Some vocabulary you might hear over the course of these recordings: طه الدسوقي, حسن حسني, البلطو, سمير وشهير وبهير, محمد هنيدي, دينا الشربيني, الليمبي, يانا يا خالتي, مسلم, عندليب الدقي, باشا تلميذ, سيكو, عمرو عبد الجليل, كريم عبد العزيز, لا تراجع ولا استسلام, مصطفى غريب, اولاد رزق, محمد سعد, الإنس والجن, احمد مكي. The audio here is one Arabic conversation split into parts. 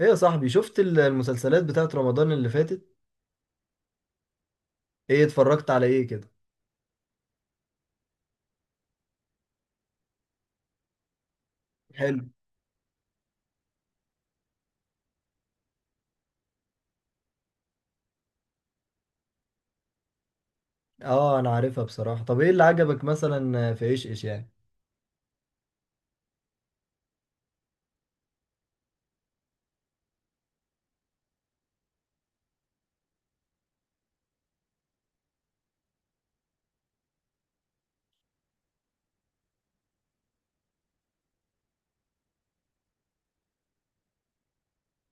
ايه يا صاحبي، شفت المسلسلات بتاعت رمضان اللي فاتت؟ ايه اتفرجت على ايه كده؟ حلو. اه، انا عارفها بصراحة. طب ايه اللي عجبك مثلا في ايش ايش يعني؟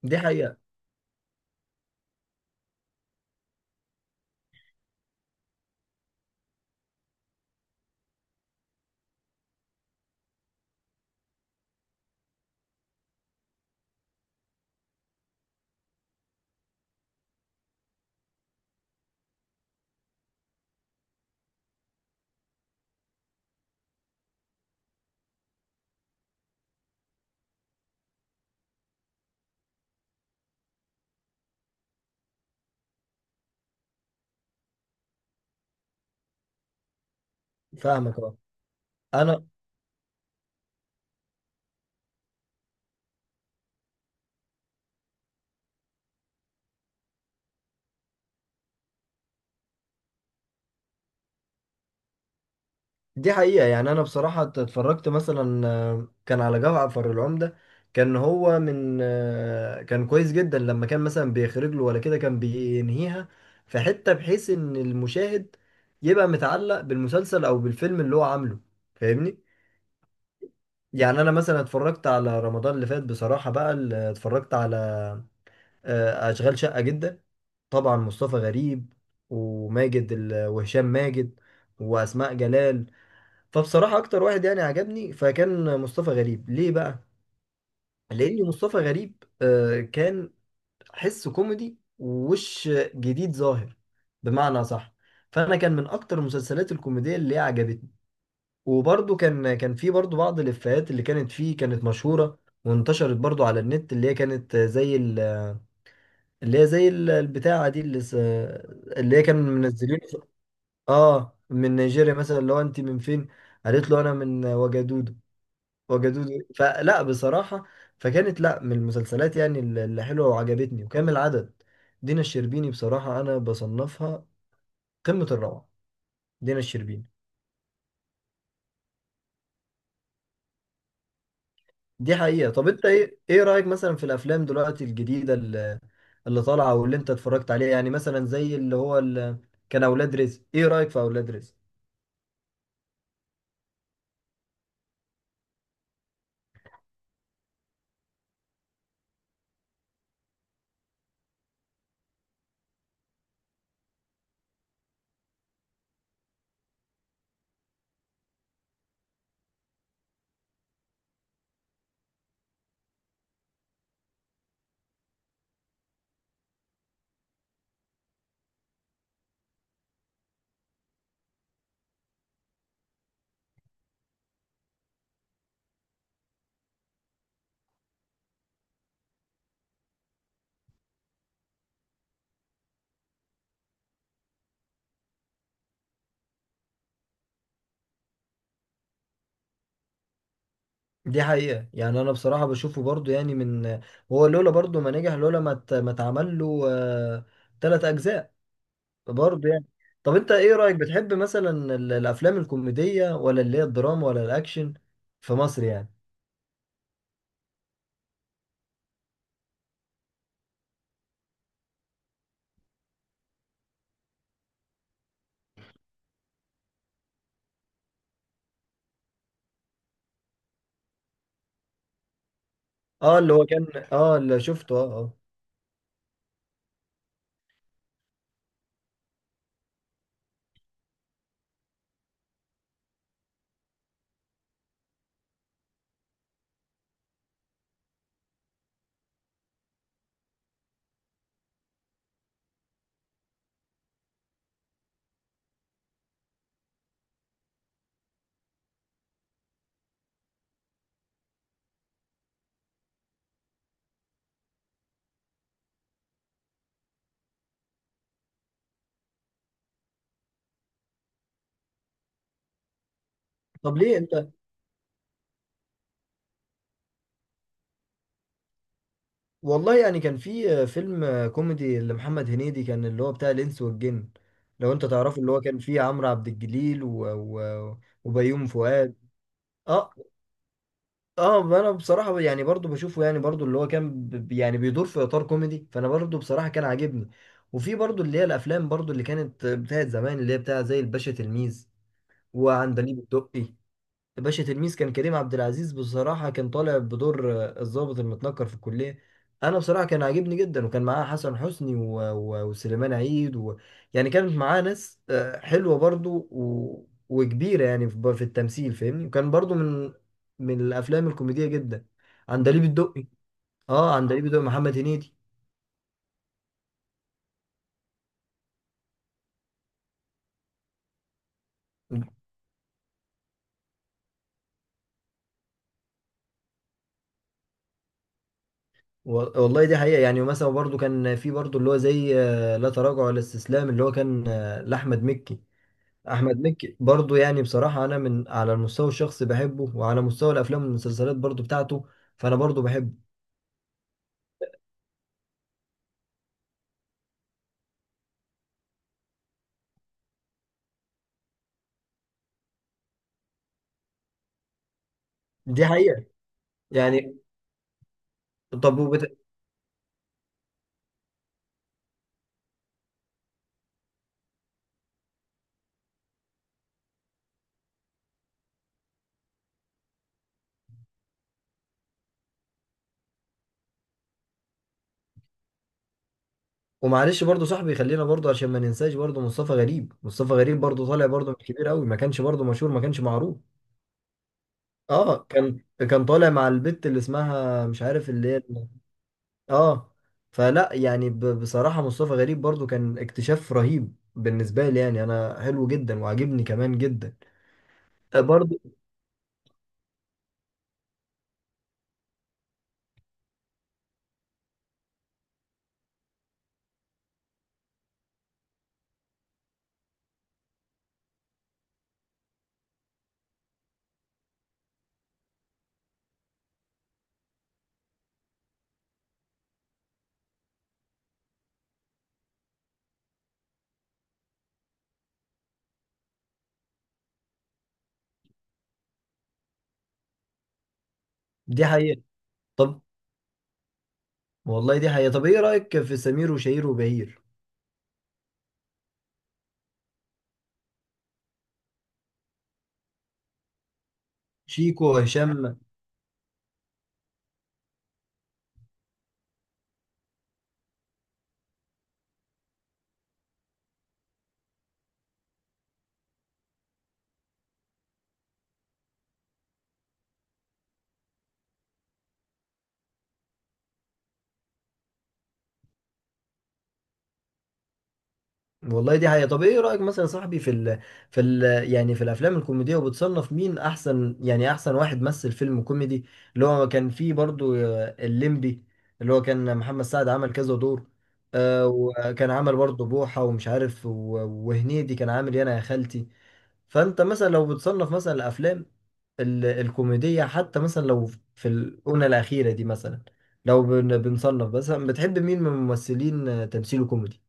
دي حقيقة. فاهمك، اه. انا دي حقيقة، يعني انا بصراحة اتفرجت مثلا كان على جعفر العمدة. كان هو من آه، كان كويس جدا، لما كان مثلا بيخرج له ولا كده كان بينهيها في حتة بحيث ان المشاهد يبقى متعلق بالمسلسل او بالفيلم اللي هو عامله. فاهمني؟ يعني انا مثلا اتفرجت على رمضان اللي فات بصراحة بقى، اللي اتفرجت على اشغال شقة جدا. طبعا مصطفى غريب، وماجد وهشام ماجد، واسماء جلال. فبصراحة اكتر واحد يعني عجبني فكان مصطفى غريب، ليه بقى؟ لان مصطفى غريب كان حس كوميدي ووش جديد ظاهر بمعنى صح. فانا كان من اكتر المسلسلات الكوميدية اللي عجبتني، وبرضو كان في برضو بعض الإفيهات اللي كانت فيه كانت مشهورة، وانتشرت برضو على النت، اللي هي كانت زي ال- اللي هي زي ال- البتاعة دي، اللي هي كانوا منزلين. اه، من نيجيريا مثلا لو انت من فين، قالت له انا من وجدودو، وجدودو. فلا بصراحة، فكانت لا من المسلسلات يعني اللي حلوة وعجبتني وكامل العدد. دينا الشربيني بصراحة انا بصنفها قمة الروعة، دينا الشربيني. دي حقيقة. طب انت ايه رأيك مثلا في الافلام دلوقتي الجديدة اللي طالعه واللي انت اتفرجت عليها، يعني مثلا زي اللي هو اللي كان اولاد رزق، ايه رايك في اولاد رزق؟ دي حقيقه، يعني انا بصراحه بشوفه برضو، يعني من، هو لولا برضو ما نجح، لولا ما اتعمل له تلات اجزاء برضو يعني. طب انت ايه رايك، بتحب مثلا الافلام الكوميديه ولا اللي هي الدراما ولا الاكشن في مصر يعني؟ اه، اللي هو كان، اه اللي شفته، اه، اه. طب ليه انت، والله يعني كان في فيلم كوميدي لمحمد هنيدي كان اللي هو بتاع الإنس والجن، لو انت تعرفه، اللي هو كان فيه عمرو عبد الجليل وبيومي فؤاد. اه، اه، انا بصراحة يعني برضو بشوفه، يعني برضو اللي هو كان يعني بيدور في اطار كوميدي، فانا برضو بصراحة كان عاجبني. وفي برضو اللي هي الافلام برضو اللي كانت بتاعت زمان، اللي هي بتاع زي الباشا تلميذ وعندليب الدقي. باشا تلميذ كان كريم عبد العزيز بصراحة كان طالع بدور الضابط المتنكر في الكلية. أنا بصراحة كان عاجبني جدا، وكان معاه حسن حسني وسليمان عيد يعني كانت معاه ناس حلوة برضو، وكبيرة يعني في التمثيل، فاهمني؟ وكان برضو من الأفلام الكوميدية جدا، عندليب الدقي. اه، عندليب الدقي محمد هنيدي و... والله دي حقيقة، يعني ومثلا برضو كان في برضو اللي هو زي لا تراجع ولا استسلام، اللي هو كان لأحمد مكي. احمد مكي برضو، يعني بصراحه انا من على المستوى الشخصي بحبه، وعلى مستوى الافلام والمسلسلات برضو بتاعته، فانا برضو بحبه. دي حقيقه يعني. طب ومعلش برضو صاحبي، خلينا برضو عشان ما ننساش برضو مصطفى غريب، مصطفى غريب برضو طالع برضو مش كبير قوي، ما كانش برضو مشهور، ما كانش معروف. اه، كان طالع مع البت اللي اسمها مش عارف اللي هي، اه. فلا يعني بصراحه مصطفى غريب برضو كان اكتشاف رهيب بالنسبه لي، يعني انا حلو جدا وعاجبني كمان جدا. برضو دي حقيقه. طب والله دي حقيقة، طب ايه رأيك في سمير وشهير وبهير، شيكو وهشام؟ والله دي حقيقة. طب ايه رأيك مثلا يا صاحبي في ال في ال يعني في الافلام الكوميدية، وبتصنف مين احسن، يعني احسن واحد مثل فيلم كوميدي؟ اللي هو كان فيه برضو الليمبي، اللي هو كان محمد سعد عمل كذا دور، وكان عمل برضو بوحة ومش عارف وهنيدي كان عامل يانا يا خالتي. فانت مثلا لو بتصنف مثلا الافلام الكوميدية، حتى مثلا لو في الأونة الأخيرة دي، مثلا لو بنصنف، مثلا بتحب مين من الممثلين تمثيله كوميدي؟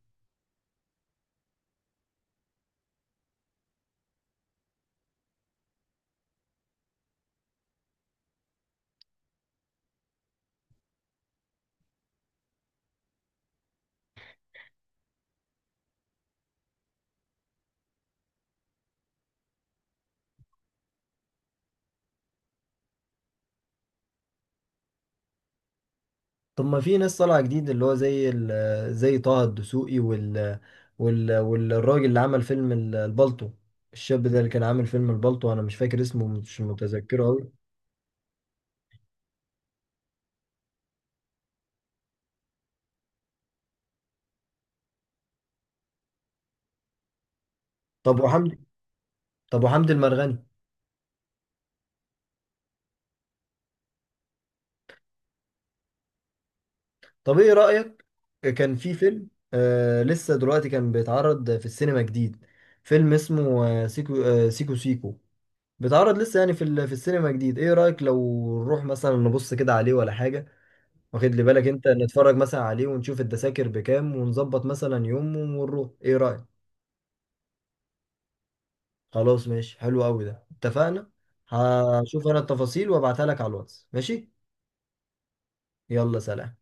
طب ما في ناس طالعة جديد، اللي هو زي زي طه الدسوقي، والراجل اللي عمل فيلم البلطو، الشاب ده اللي كان عامل فيلم البلطو، أنا مش فاكر اسمه، مش متذكره أوي. طب وحمدي، طب وحمدي المرغني؟ طب إيه رأيك، كان في فيلم لسه دلوقتي كان بيتعرض في السينما جديد، فيلم اسمه سيكو، سيكو سيكو، بيتعرض لسه يعني في السينما جديد. ايه رأيك لو نروح مثلا نبص كده عليه ولا حاجة؟ واخد لي بالك انت، نتفرج مثلا عليه ونشوف التذاكر بكام، ونظبط مثلا يوم ونروح، ايه رأيك؟ خلاص، ماشي، حلو قوي ده، اتفقنا. هشوف انا التفاصيل وابعتها لك على الواتس، ماشي؟ يلا سلام.